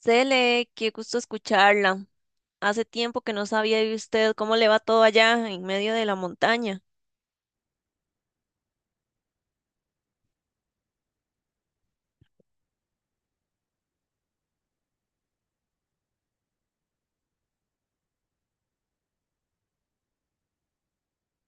Cele, qué gusto escucharla. Hace tiempo que no sabía de usted, cómo le va todo allá en medio de la montaña.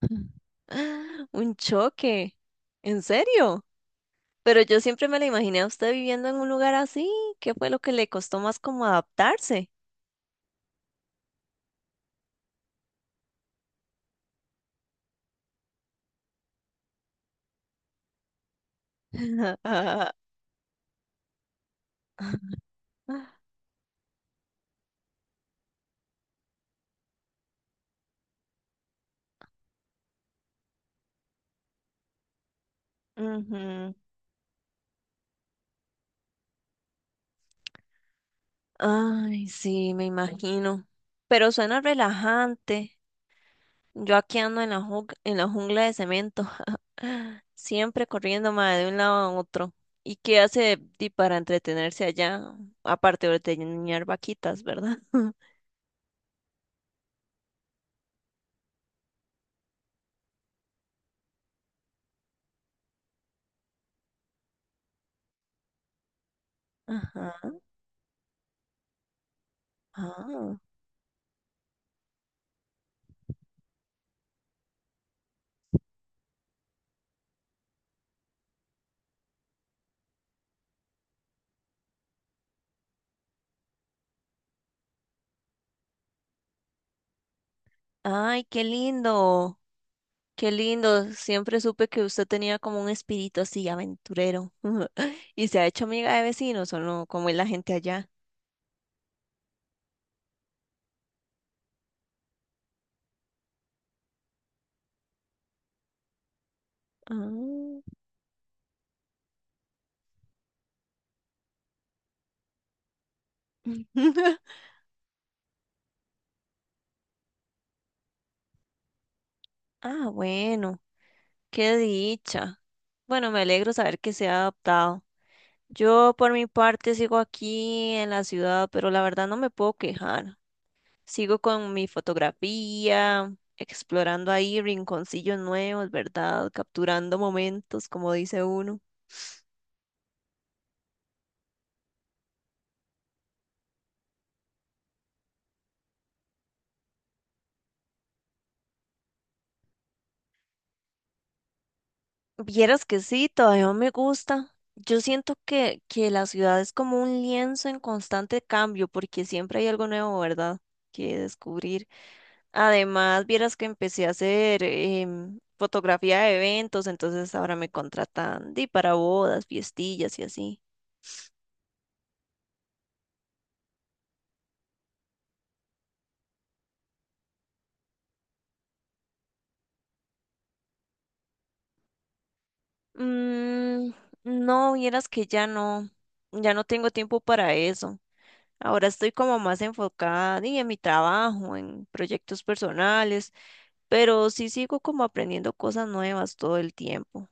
Un choque. ¿En serio? Pero yo siempre me la imaginé a usted viviendo en un lugar así. ¿Qué fue lo que le costó más como adaptarse? Ujú. Ay, sí, me imagino. Pero suena relajante. Yo aquí ando en la, en la jungla de cemento, siempre corriendo mae, de un lado a otro. ¿Y qué hace di para entretenerse allá? Aparte de ordeñar vaquitas, ¿verdad? Ajá. Ah. Ay, qué lindo, qué lindo. Siempre supe que usted tenía como un espíritu así aventurero. ¿Y se ha hecho amiga de vecinos o no? ¿Cómo es la gente allá? Ah. Ah, bueno, qué dicha. Bueno, me alegro saber que se ha adaptado. Yo por mi parte sigo aquí en la ciudad, pero la verdad no me puedo quejar. Sigo con mi fotografía, explorando ahí rinconcillos nuevos, ¿verdad? Capturando momentos, como dice uno. Vieras que sí, todavía no me gusta. Yo siento que, la ciudad es como un lienzo en constante cambio, porque siempre hay algo nuevo, ¿verdad? Que descubrir. Además, vieras que empecé a hacer fotografía de eventos, entonces ahora me contratan di, para bodas, fiestillas y así. Mm, no, vieras que ya no, ya no tengo tiempo para eso. Ahora estoy como más enfocada di, en mi trabajo, en proyectos personales, pero sí sigo como aprendiendo cosas nuevas todo el tiempo.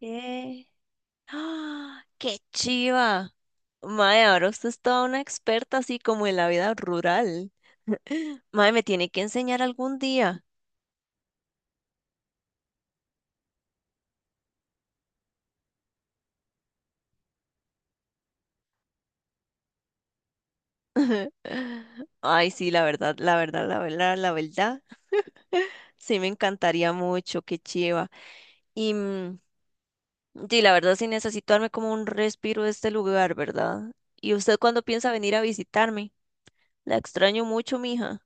Eh, ¡Ah! ¡Qué chiva! Mae, ahora usted es toda una experta así como en la vida rural. Mae, me tiene que enseñar algún día. Ay, sí, la verdad, la verdad, la verdad, la verdad. Sí, me encantaría mucho, qué chiva. Y sí, la verdad, sí necesito darme como un respiro de este lugar, ¿verdad? ¿Y usted cuándo piensa venir a visitarme? La extraño mucho, mija.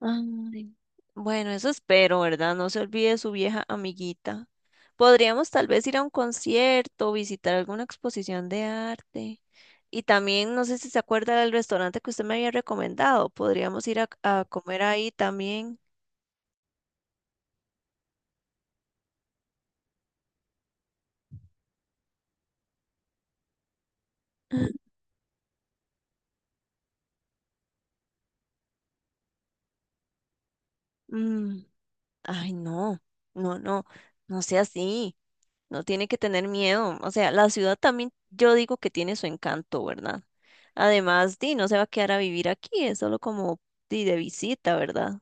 Ay. Bueno, eso espero, ¿verdad? No se olvide de su vieja amiguita. Podríamos tal vez ir a un concierto, visitar alguna exposición de arte. Y también, no sé si se acuerda del restaurante que usted me había recomendado. Podríamos ir a comer ahí también. Mm. Ay, no, no, no, no sea así. No tiene que tener miedo. O sea, la ciudad también, yo digo que tiene su encanto, ¿verdad? Además, di, no se va a quedar a vivir aquí, es solo como di, de visita, ¿verdad?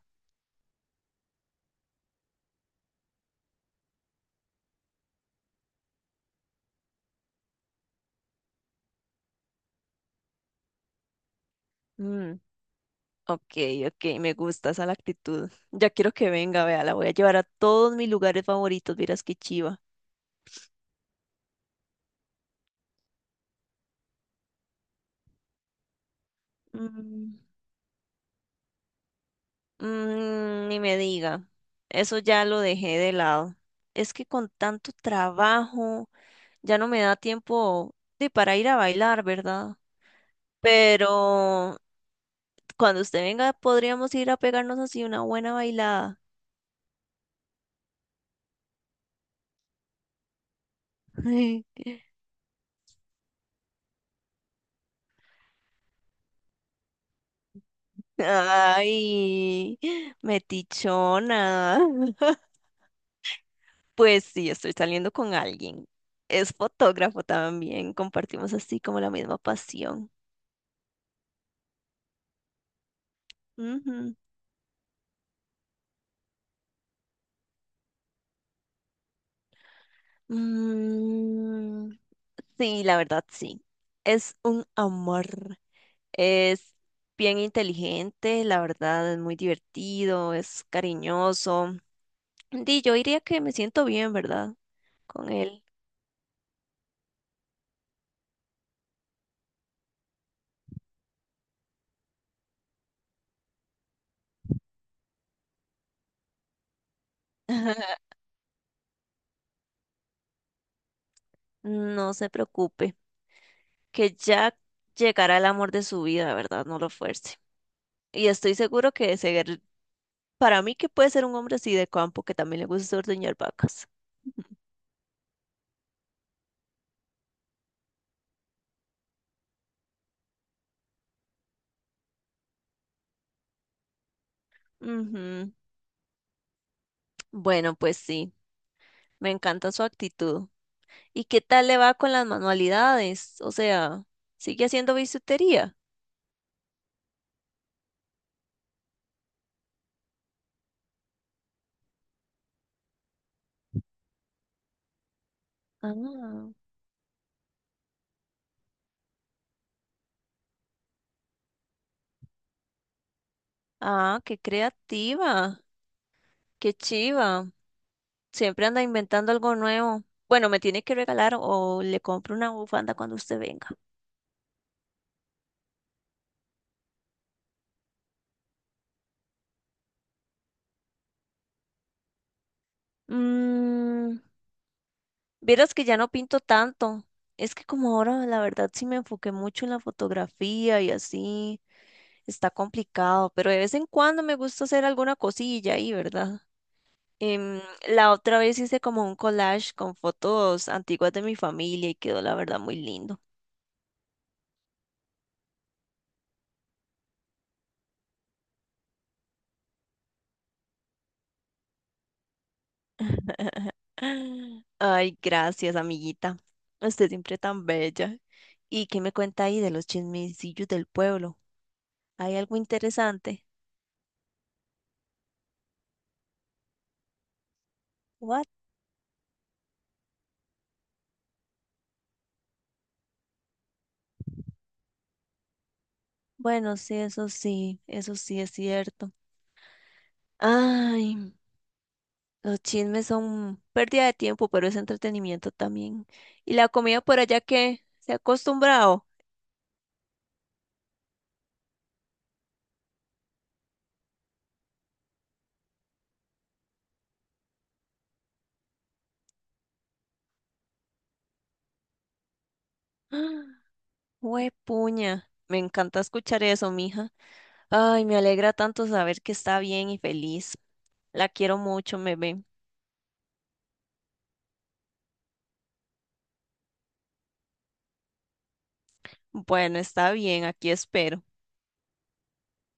Mm, ok, ok, me gusta esa la actitud. Ya quiero que venga, vea, la voy a llevar a todos mis lugares favoritos, vieras qué chiva. Mm. Mm, ni me diga, eso ya lo dejé de lado. Es que con tanto trabajo ya no me da tiempo de para ir a bailar, ¿verdad? Pero cuando usted venga podríamos ir a pegarnos así una buena bailada. Ay, metichona. Pues sí, estoy saliendo con alguien. Es fotógrafo también, compartimos así como la misma pasión. Ujú. Mm, sí, la verdad, sí. Es un amor. Es bien inteligente, la verdad, es muy divertido, es cariñoso. Di, yo diría que me siento bien, ¿verdad? Con él. No se preocupe, que ya llegará el amor de su vida, ¿verdad? No lo fuerce. Y estoy seguro que para mí que puede ser un hombre así de campo que también le gusta ordeñar vacas. Ujú. Bueno, pues sí, me encanta su actitud. ¿Y qué tal le va con las manualidades? O sea, ¿sigue haciendo bisutería? Ah, ah, qué creativa, qué chiva. Siempre anda inventando algo nuevo. Bueno, me tiene que regalar o le compro una bufanda cuando usted venga. Mm, vieras que ya no pinto tanto. Es que como ahora, la verdad, sí me enfoqué mucho en la fotografía y así. Está complicado, pero de vez en cuando me gusta hacer alguna cosilla ahí, ¿verdad? Em, la otra vez hice como un collage con fotos antiguas de mi familia y quedó la verdad muy lindo. Ay, gracias, amiguita. Usted siempre tan bella. ¿Y qué me cuenta ahí de los chismecillos del pueblo? ¿Hay algo interesante? What? Bueno, sí, eso sí, eso sí es cierto. Ay, los chismes son pérdida de tiempo, pero es entretenimiento también. ¿Y la comida por allá qué? ¿Se ha acostumbrado? Puña, me encanta escuchar eso, mija. Ay, me alegra tanto saber que está bien y feliz. La quiero mucho, bebé. Bueno, está bien, aquí espero.